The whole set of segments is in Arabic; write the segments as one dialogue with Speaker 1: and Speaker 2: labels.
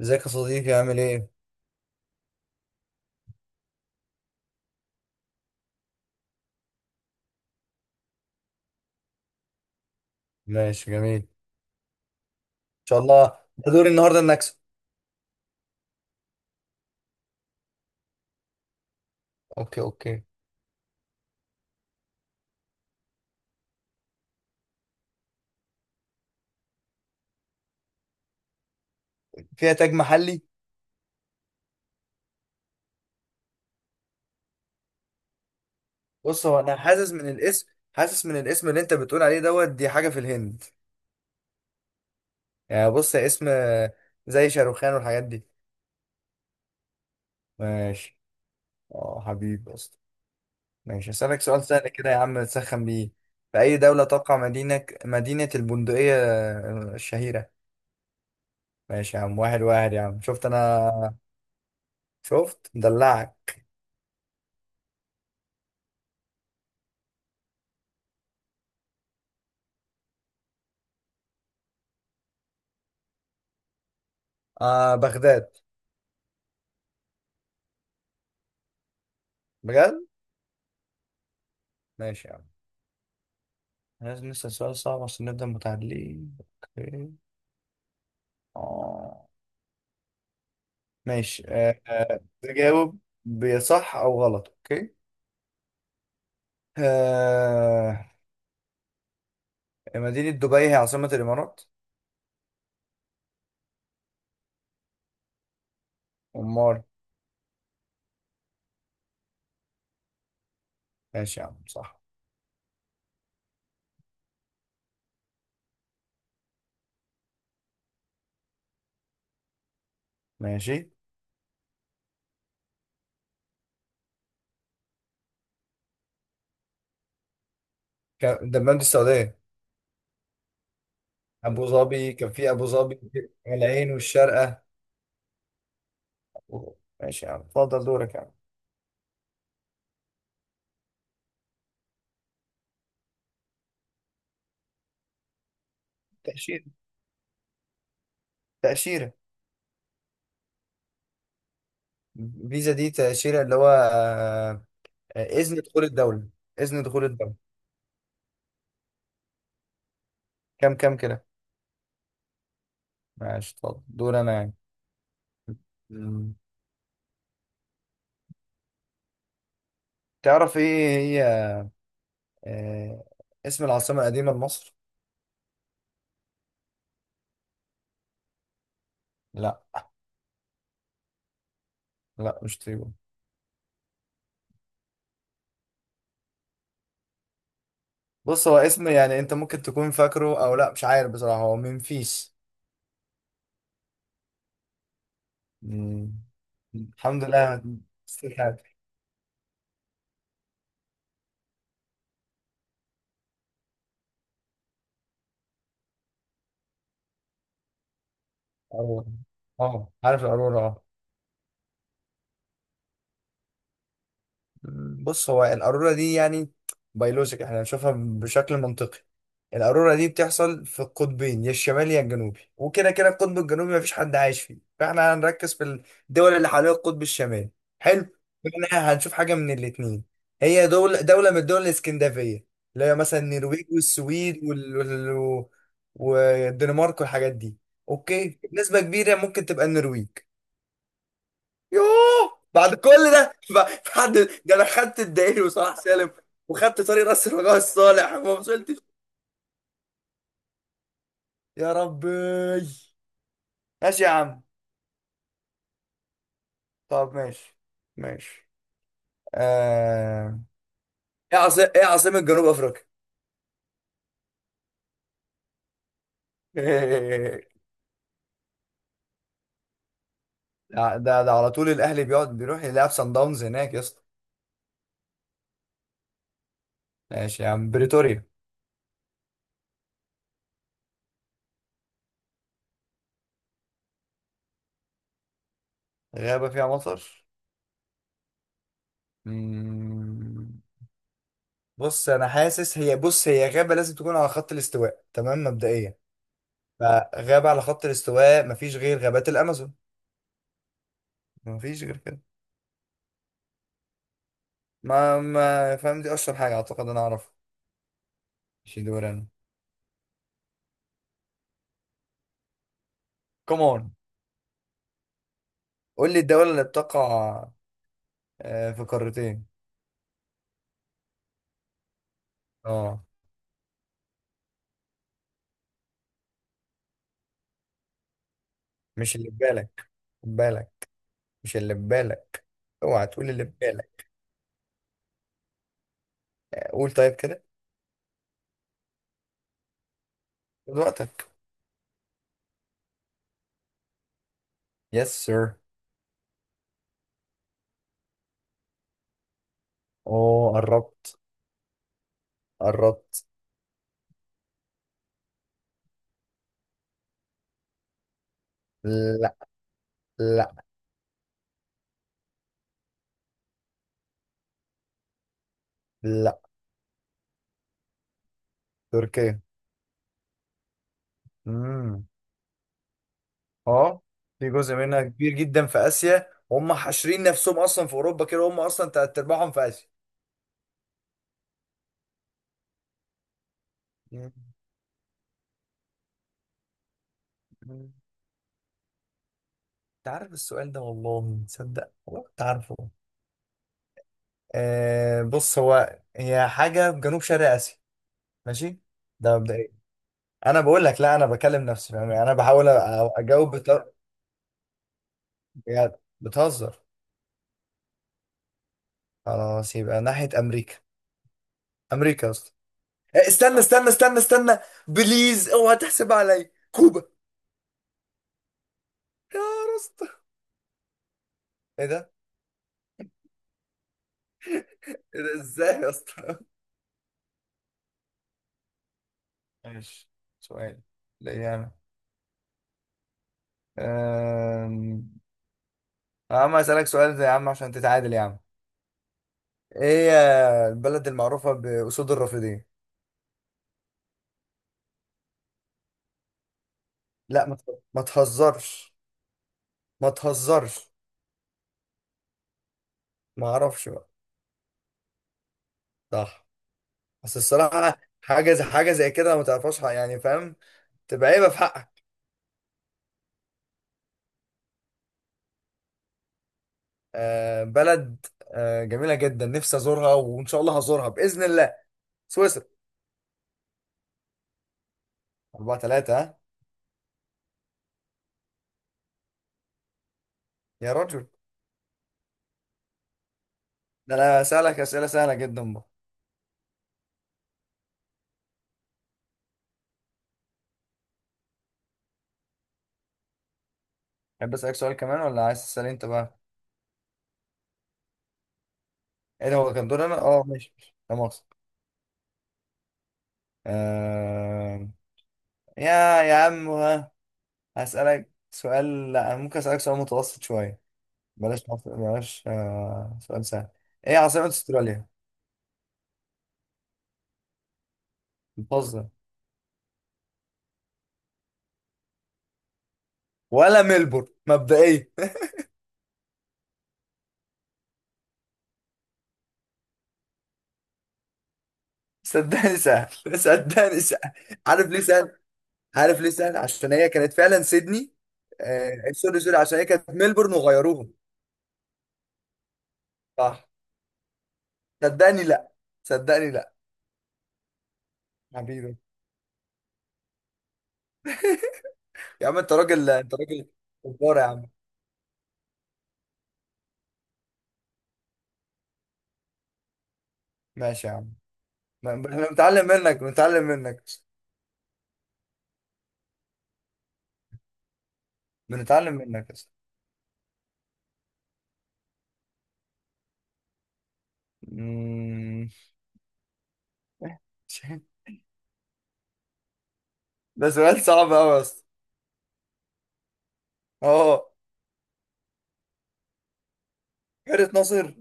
Speaker 1: ازيك يا صديقي، عامل ايه؟ ماشي جميل ان شاء الله. ده دوري النهارده اني اكسب. اوكي اوكي. فيها تاج محلي. بص هو انا حاسس من الاسم، اللي انت بتقول عليه دوت، دي حاجه في الهند. يعني بص، يا اسم زي شاروخان والحاجات دي. ماشي، اه حبيبي اصلا. ماشي، هسألك سؤال سهل كده يا عم تسخن بيه. في اي دوله تقع مدينه البندقيه الشهيره؟ ماشي يا عم، واحد واحد يا عم، شفت انا؟ شفت مدلعك. بغداد. بجد؟ ماشي يا عم. لازم نسأل سؤال صعب عشان نبدأ متعادلين. اوكي. اه ماشي. تجاوب بصح او غلط، اوكي؟ آه، مدينة دبي هي عاصمة الامارات. امال؟ ماشي يا عم، صح. ماشي. دمامة السعودية. ابو ظبي، كان في ابو ظبي، العين والشارقة. ماشي يا عم، اتفضل دورك يا عم. تأشيرة. تأشيرة. فيزا دي تأشيرة، اللي هو إذن دخول الدولة. إذن دخول الدولة. كام كام كده؟ ماشي، طب دور انا يعني. مم. تعرف ايه هي آه اسم العاصمة القديمة لمصر؟ لا. لا مش تريبو. بص هو اسم، يعني انت ممكن تكون فاكره او لا، مش عارف بصراحة، هو منفيس. مم. الحمد لله. استيكات. اه. عارف الأرورا، اه. بص هو القارورة دي يعني بيولوجيك، احنا بنشوفها بشكل منطقي. القارورة دي بتحصل في القطبين، يا الشمالي يا الجنوبي، وكده كده القطب الجنوبي مفيش حد عايش فيه، فاحنا هنركز في الدول اللي حوالين القطب الشمالي. حلو. احنا هنشوف حاجة من الاتنين. هي دولة، من الدول الاسكندنافية، اللي هي مثلا النرويج والسويد والدنمارك والحاجات دي. اوكي، نسبة كبيرة ممكن تبقى النرويج. يوه، بعد كل ده في حد؟ ده انا خدت الدائري وصلاح سالم وخدت طريق راس الرجاء الصالح وما وصلتش. يا ربي. ماشي يا عم. طب ماشي ماشي. آه... ايه ايه عاصمة جنوب افريقيا؟ ده ده ده على طول الاهلي بيقعد بيروح يلعب سان داونز هناك يا اسطى. ماشي يا عم، بريتوريا. غابة فيها مطر؟ مم. بص انا حاسس هي، بص هي غابة لازم تكون على خط الاستواء، تمام، مبدئيا. فغابة على خط الاستواء مفيش غير غابات الأمازون. مفيش غير كده. ما فاهم، دي أشهر حاجة أعتقد أنا أعرفها. مش دور أنا؟ كمان. قول لي الدولة اللي بتقع في قارتين. اه. مش اللي في بالك. خد بالك. مش اللي في بالك. اوعى تقول اللي في بالك. قول طيب كده. خد وقتك. يس سير. اوه قربت. قربت. لا، لا، لا. تركيا. مم. اه، في جزء منها كبير جدا في اسيا، وهم حاشرين نفسهم اصلا في اوروبا كده، هم اصلا تلات ارباعهم في اسيا. مم. انت عارف السؤال ده والله، تصدق والله كنت عارفه. بص هو، هي حاجه في جنوب شرق اسيا. ماشي. ده مبدئيا. انا بقول لك، لا انا بكلم نفسي، فاهم؟ يعني انا بحاول اجاوب يعني. بتهزر. خلاص يبقى ناحيه امريكا. امريكا يا اسطى. استنى استنى استنى استنى. بليز اوعى تحسب عليا كوبا. يا راستا. ايه ده؟ إيه ده ازاي يا اسطى؟ ماشي. سؤال ليا انا. أم... يا عم اسالك سؤال زي يا عم عشان تتعادل يا عم. ايه هي البلد المعروفه باسود الرافدين؟ لا ما تهزرش. ما تهزرش. ما اعرفش بقى. صح. بس الصراحه، حاجه زي كده ما تعرفهاش يعني، فاهم؟ تبقى عيبه في حقك. أه بلد. أه جميله جدا، نفسي ازورها وان شاء الله هزورها باذن الله. سويسرا. 4-3 ها. يا رجل. ده انا اسالك اسئله سهله جدا. تحب اسالك سؤال كمان ولا عايز تسال انت بقى؟ ايه ده، هو كان دور انا؟ اه ماشي ماشي. لا مؤاخذه. آه... يا عم، ها. هسالك سؤال، لا ممكن اسالك سؤال متوسط شويه. بلاش بلاش سؤال سهل. ايه عاصمه استراليا؟ بتهزر. ولا ملبورن مبدئيا. صدقني سهل، صدقني سهل. عارف ليه سهل؟ عارف ليه سهل؟ عشان هي كانت فعلا سيدني. سوري سوري، عشان هي كانت ملبورن وغيروهم. صح. صدقني لا. صدقني لا. حبيبي. يا عم انت راجل، انت راجل جبار يا عم. ماشي يا عم. احنا بنتعلم منك، بنتعلم منك. بنتعلم منك يا اسطى. أمم. ده سؤال صعب قوي يا اسطى. اه، بحيرة ناصر.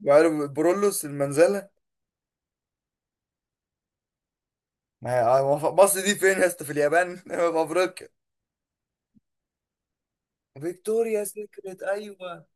Speaker 1: بحيرة برولوس، المنزلة. ما هي- مصر دي فين يا اسطى، في اليابان؟ في افريقيا. فيكتوريا سيكريت، ايوه.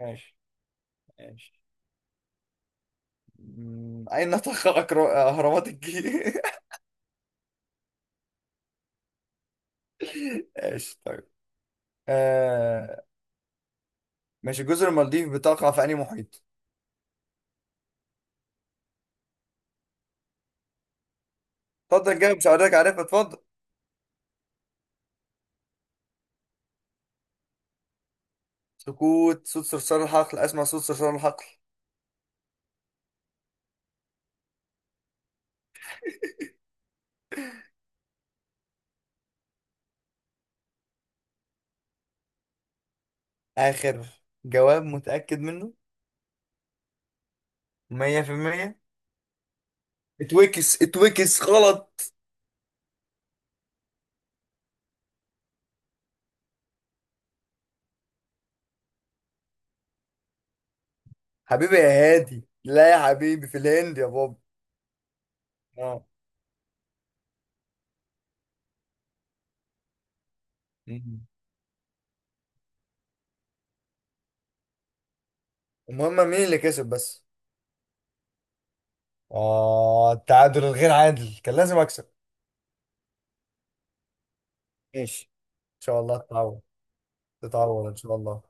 Speaker 1: ماشي. ماشي. اين تقع اهرامات الجيزة؟ ماشي طيب. آه... ماشي، جزر المالديف بتقع في انهي محيط؟ اتفضل جاوب، مش هوريك عارفها، اتفضل. سكوت، صوت صرصار الحقل، اسمع صوت صرصار الحقل. اخر جواب متأكد منه 100%؟ اتوكس غلط. حبيبي يا هادي، لا يا حبيبي، في الهند يا بابا. اه. مم. المهم مين اللي كسب بس؟ اه، التعادل الغير عادل، كان لازم اكسب. ان ماشي. ان شاء الله تتعوض. تتعوض ان شاء الله.